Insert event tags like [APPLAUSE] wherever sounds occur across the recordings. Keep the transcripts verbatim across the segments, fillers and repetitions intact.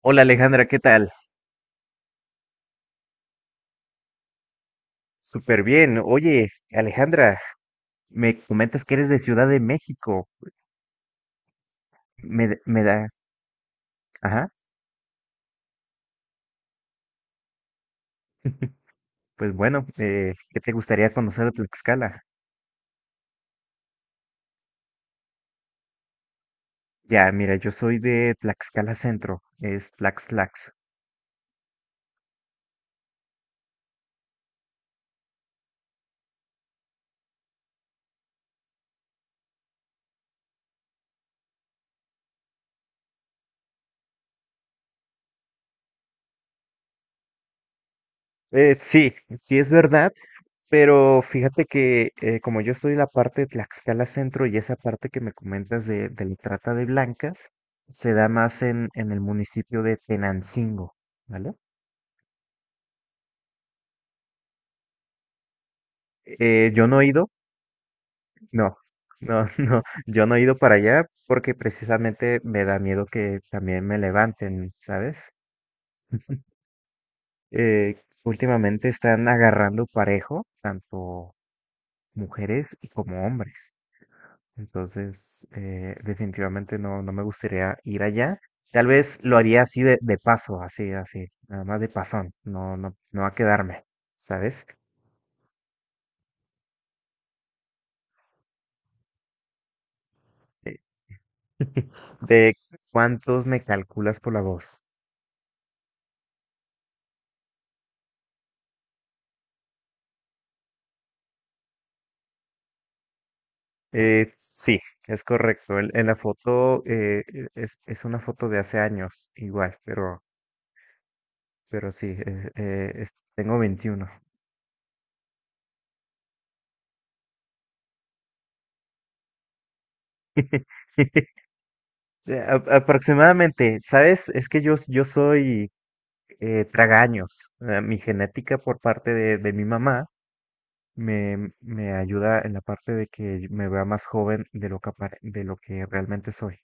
Hola, Alejandra, ¿qué tal? Súper bien. Oye, Alejandra, me comentas que eres de Ciudad de México. Me, d- me da... Ajá. [LAUGHS] Pues bueno, eh, ¿qué te gustaría conocer de Tlaxcala? Ya, mira, yo soy de Tlaxcala Centro, es Tlax Tlax. Eh, sí, sí es verdad, pero fíjate que eh, como yo soy la parte de Tlaxcala Centro y esa parte que me comentas de, de la trata de blancas, se da más en, en el municipio de Tenancingo, ¿vale? Eh, yo no he ido. No, no, [LAUGHS] no, yo no he ido para allá porque precisamente me da miedo que también me levanten, ¿sabes? [LAUGHS] Eh, últimamente están agarrando parejo, tanto mujeres y como hombres. Entonces, eh, definitivamente no, no me gustaría ir allá. Tal vez lo haría así de, de paso, así, así, nada más de pasón, no, no, no a quedarme, ¿sabes? Eh, ¿De cuántos me calculas por la voz? Eh, sí, es correcto. El- En la foto eh, eh, es, es una foto de hace años, igual, pero, pero sí, eh, eh, es- tengo veintiuno. [LAUGHS] Eh, a- Aproximadamente, ¿sabes? Es que yo, yo soy eh, tragaños. Eh, Mi genética por parte de, de mi mamá me, me ayuda en la parte de que me vea más joven de lo que, apar- de lo que realmente soy.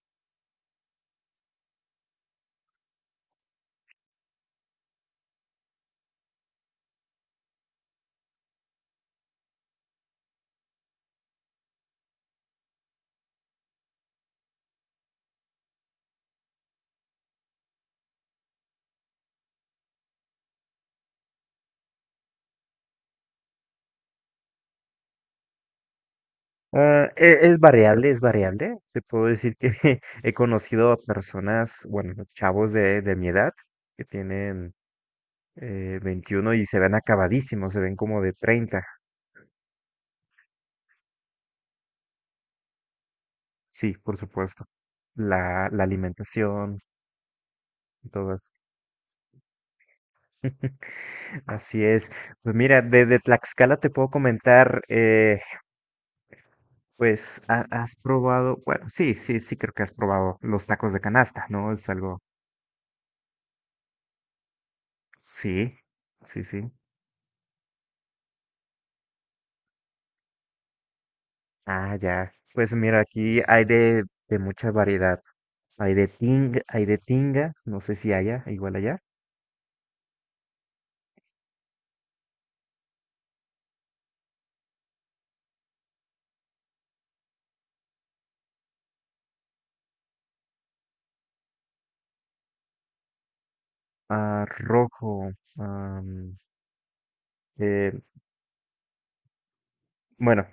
Ah, e- es variable, es variable. Te puedo decir que [LAUGHS] he conocido a personas, bueno, chavos de, de mi edad que tienen eh, veintiún y se ven acabadísimos, se ven como de treinta. Sí, por supuesto. La, la alimentación, y todo eso. [LAUGHS] Así es. Pues mira, desde Tlaxcala te puedo comentar, eh, pues ha- has probado, bueno, sí, sí, sí creo que has probado los tacos de canasta, ¿no? Es algo, sí, sí, sí. Ah, ya. Pues mira, aquí hay de, de mucha variedad. Hay de tinga, hay de tinga, no sé si haya, igual allá. Ah, rojo. am, eh, bueno,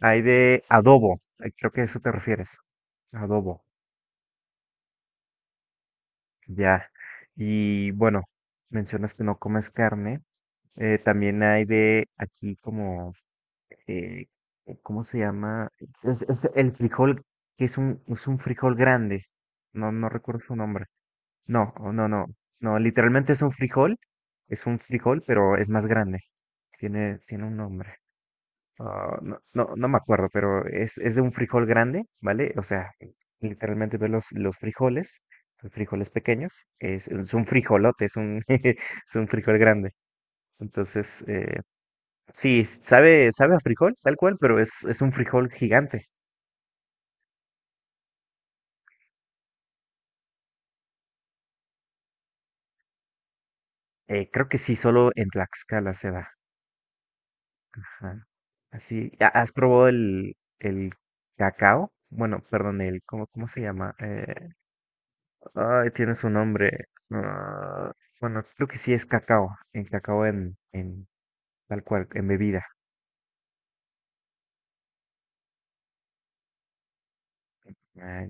hay de adobo. eh, Creo que a eso te refieres. Adobo. Ya. Y bueno, mencionas que no comes carne. Eh, también hay de aquí como, eh, ¿cómo se llama? Es, es el frijol, que es un, es un frijol grande. No, no recuerdo su nombre. No, oh, no, no, no, literalmente es un frijol, es un frijol, pero es más grande. Tiene, tiene un nombre. Ah, no, no, no me acuerdo, pero es, es de un frijol grande, ¿vale? O sea, literalmente ves los, los frijoles, los frijoles pequeños, es, es un frijolote, es un, [LAUGHS] es un frijol grande. Entonces, eh, sí, sabe, sabe a frijol, tal cual, pero es, es un frijol gigante. Eh, creo que sí, solo en Tlaxcala se da. Ajá. Así, ¿ha- ¿has probado el, el cacao? Bueno, perdón, el, ¿cómo, cómo se llama? Eh, ay, tiene su nombre. Ah, bueno, creo que sí es cacao, en cacao en, en tal cual, en bebida. Ah,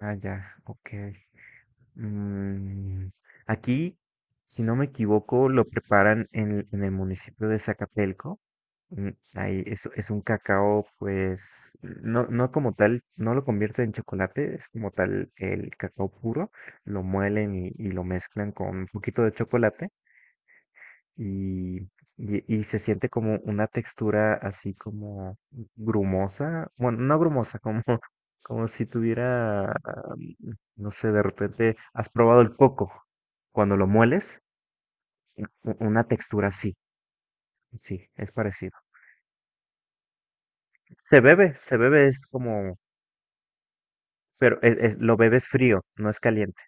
ah, ya, ok. Mm, aquí, si no me equivoco, lo preparan en, en el municipio de Zacapelco. Mm, ahí es, es un cacao, pues, no, no como tal, no lo convierte en chocolate, es como tal el cacao puro, lo muelen y, y lo mezclan con un poquito de chocolate y, y- y se siente como una textura así como grumosa, bueno, no grumosa, como, [LAUGHS] como si tuviera, ah, no sé, de repente has probado el coco, cuando lo mueles, u- u- una textura así, sí, es parecido. Se bebe, se bebe, es como, pero es- es- lo bebes frío, no es caliente,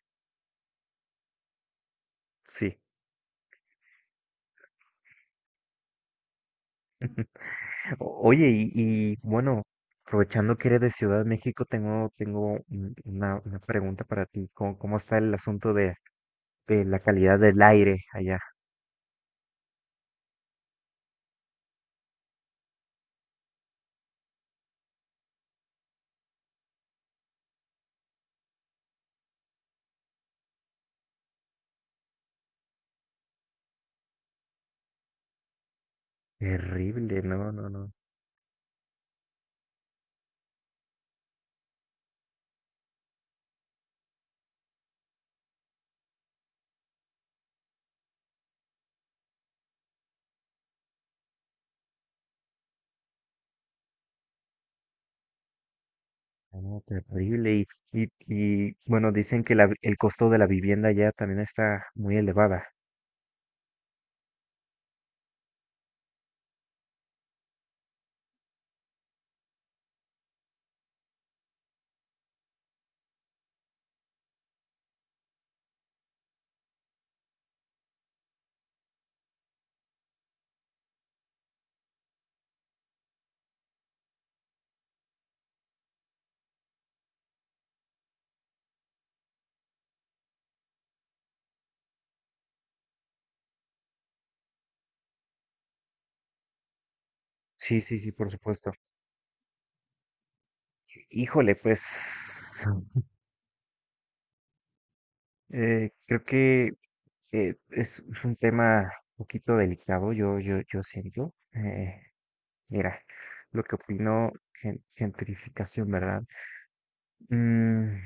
sí. [LAUGHS] O- Oye, y, y, bueno, aprovechando que eres de Ciudad de México, tengo, tengo un- una, una pregunta para ti. ¿Cómo, cómo está el asunto de de la calidad del aire allá? Terrible, no, no, no. No, terrible. Y, y, y, bueno, dicen que la vi- el costo de la vivienda allá también está muy elevada. Sí, sí, sí, por supuesto. Híjole, pues eh, creo que eh, es es un tema un poquito delicado, yo, yo, yo siento. Eh, mira, lo que opino, gen- gentrificación, ¿verdad? Mm,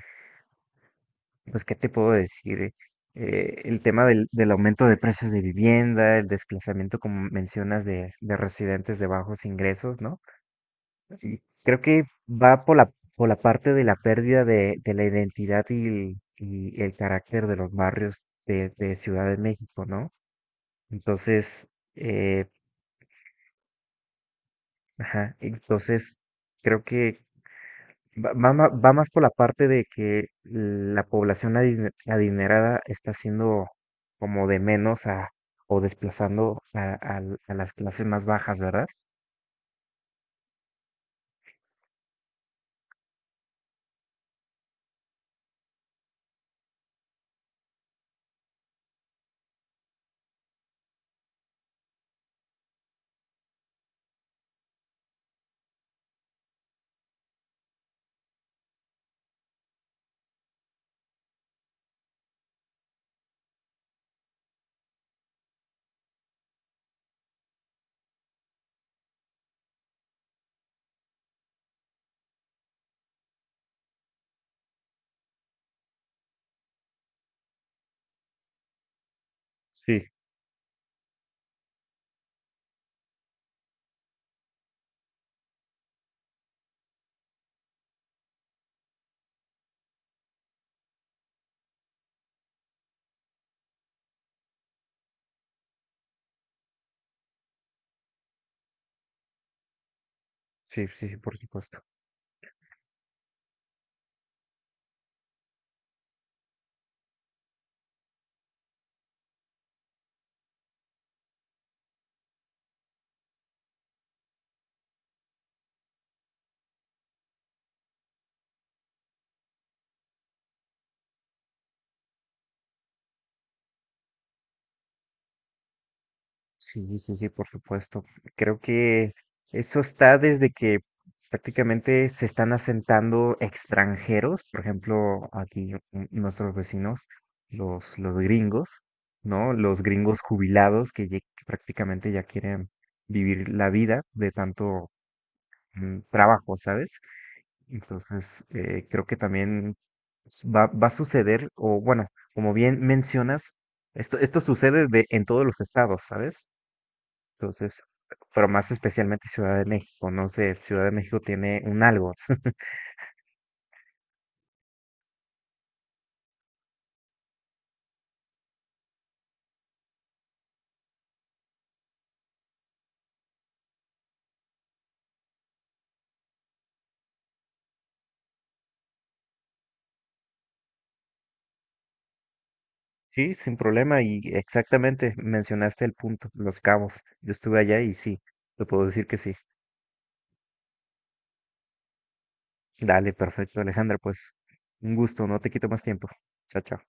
pues, ¿qué te puedo decir? Eh, el tema del, del aumento de precios de vivienda, el desplazamiento, como mencionas, de, de residentes de bajos ingresos, ¿no? Y creo que va por la, por la parte de la pérdida de, de la identidad y el, y el carácter de los barrios de, de Ciudad de México, ¿no? Entonces, eh, ajá, entonces creo que Va, va ma- va más por la parte de que la población adine- adinerada está siendo como de menos a, o desplazando a, al- a las clases más bajas, ¿verdad? Sí, sí, sí, por supuesto. Sí, sí, sí, por supuesto. Creo que eso está desde que prácticamente se están asentando extranjeros, por ejemplo, aquí n- nuestros vecinos, los, los gringos, ¿no? Los gringos jubilados que, ye- que prácticamente ya quieren vivir la vida de tanto mm, trabajo, ¿sabes? Entonces, eh, creo que también s- va, va a suceder, o bueno, como bien mencionas, esto, esto sucede de, en todos los estados, ¿sabes? Entonces, pero más especialmente Ciudad de México, no sé, Ciudad de México tiene un algo. [LAUGHS] Sí, sin problema, y exactamente mencionaste el punto, Los Cabos. Yo estuve allá y sí, te puedo decir que sí. Dale, perfecto, Alejandra, pues un gusto, no te quito más tiempo. Chao, chao.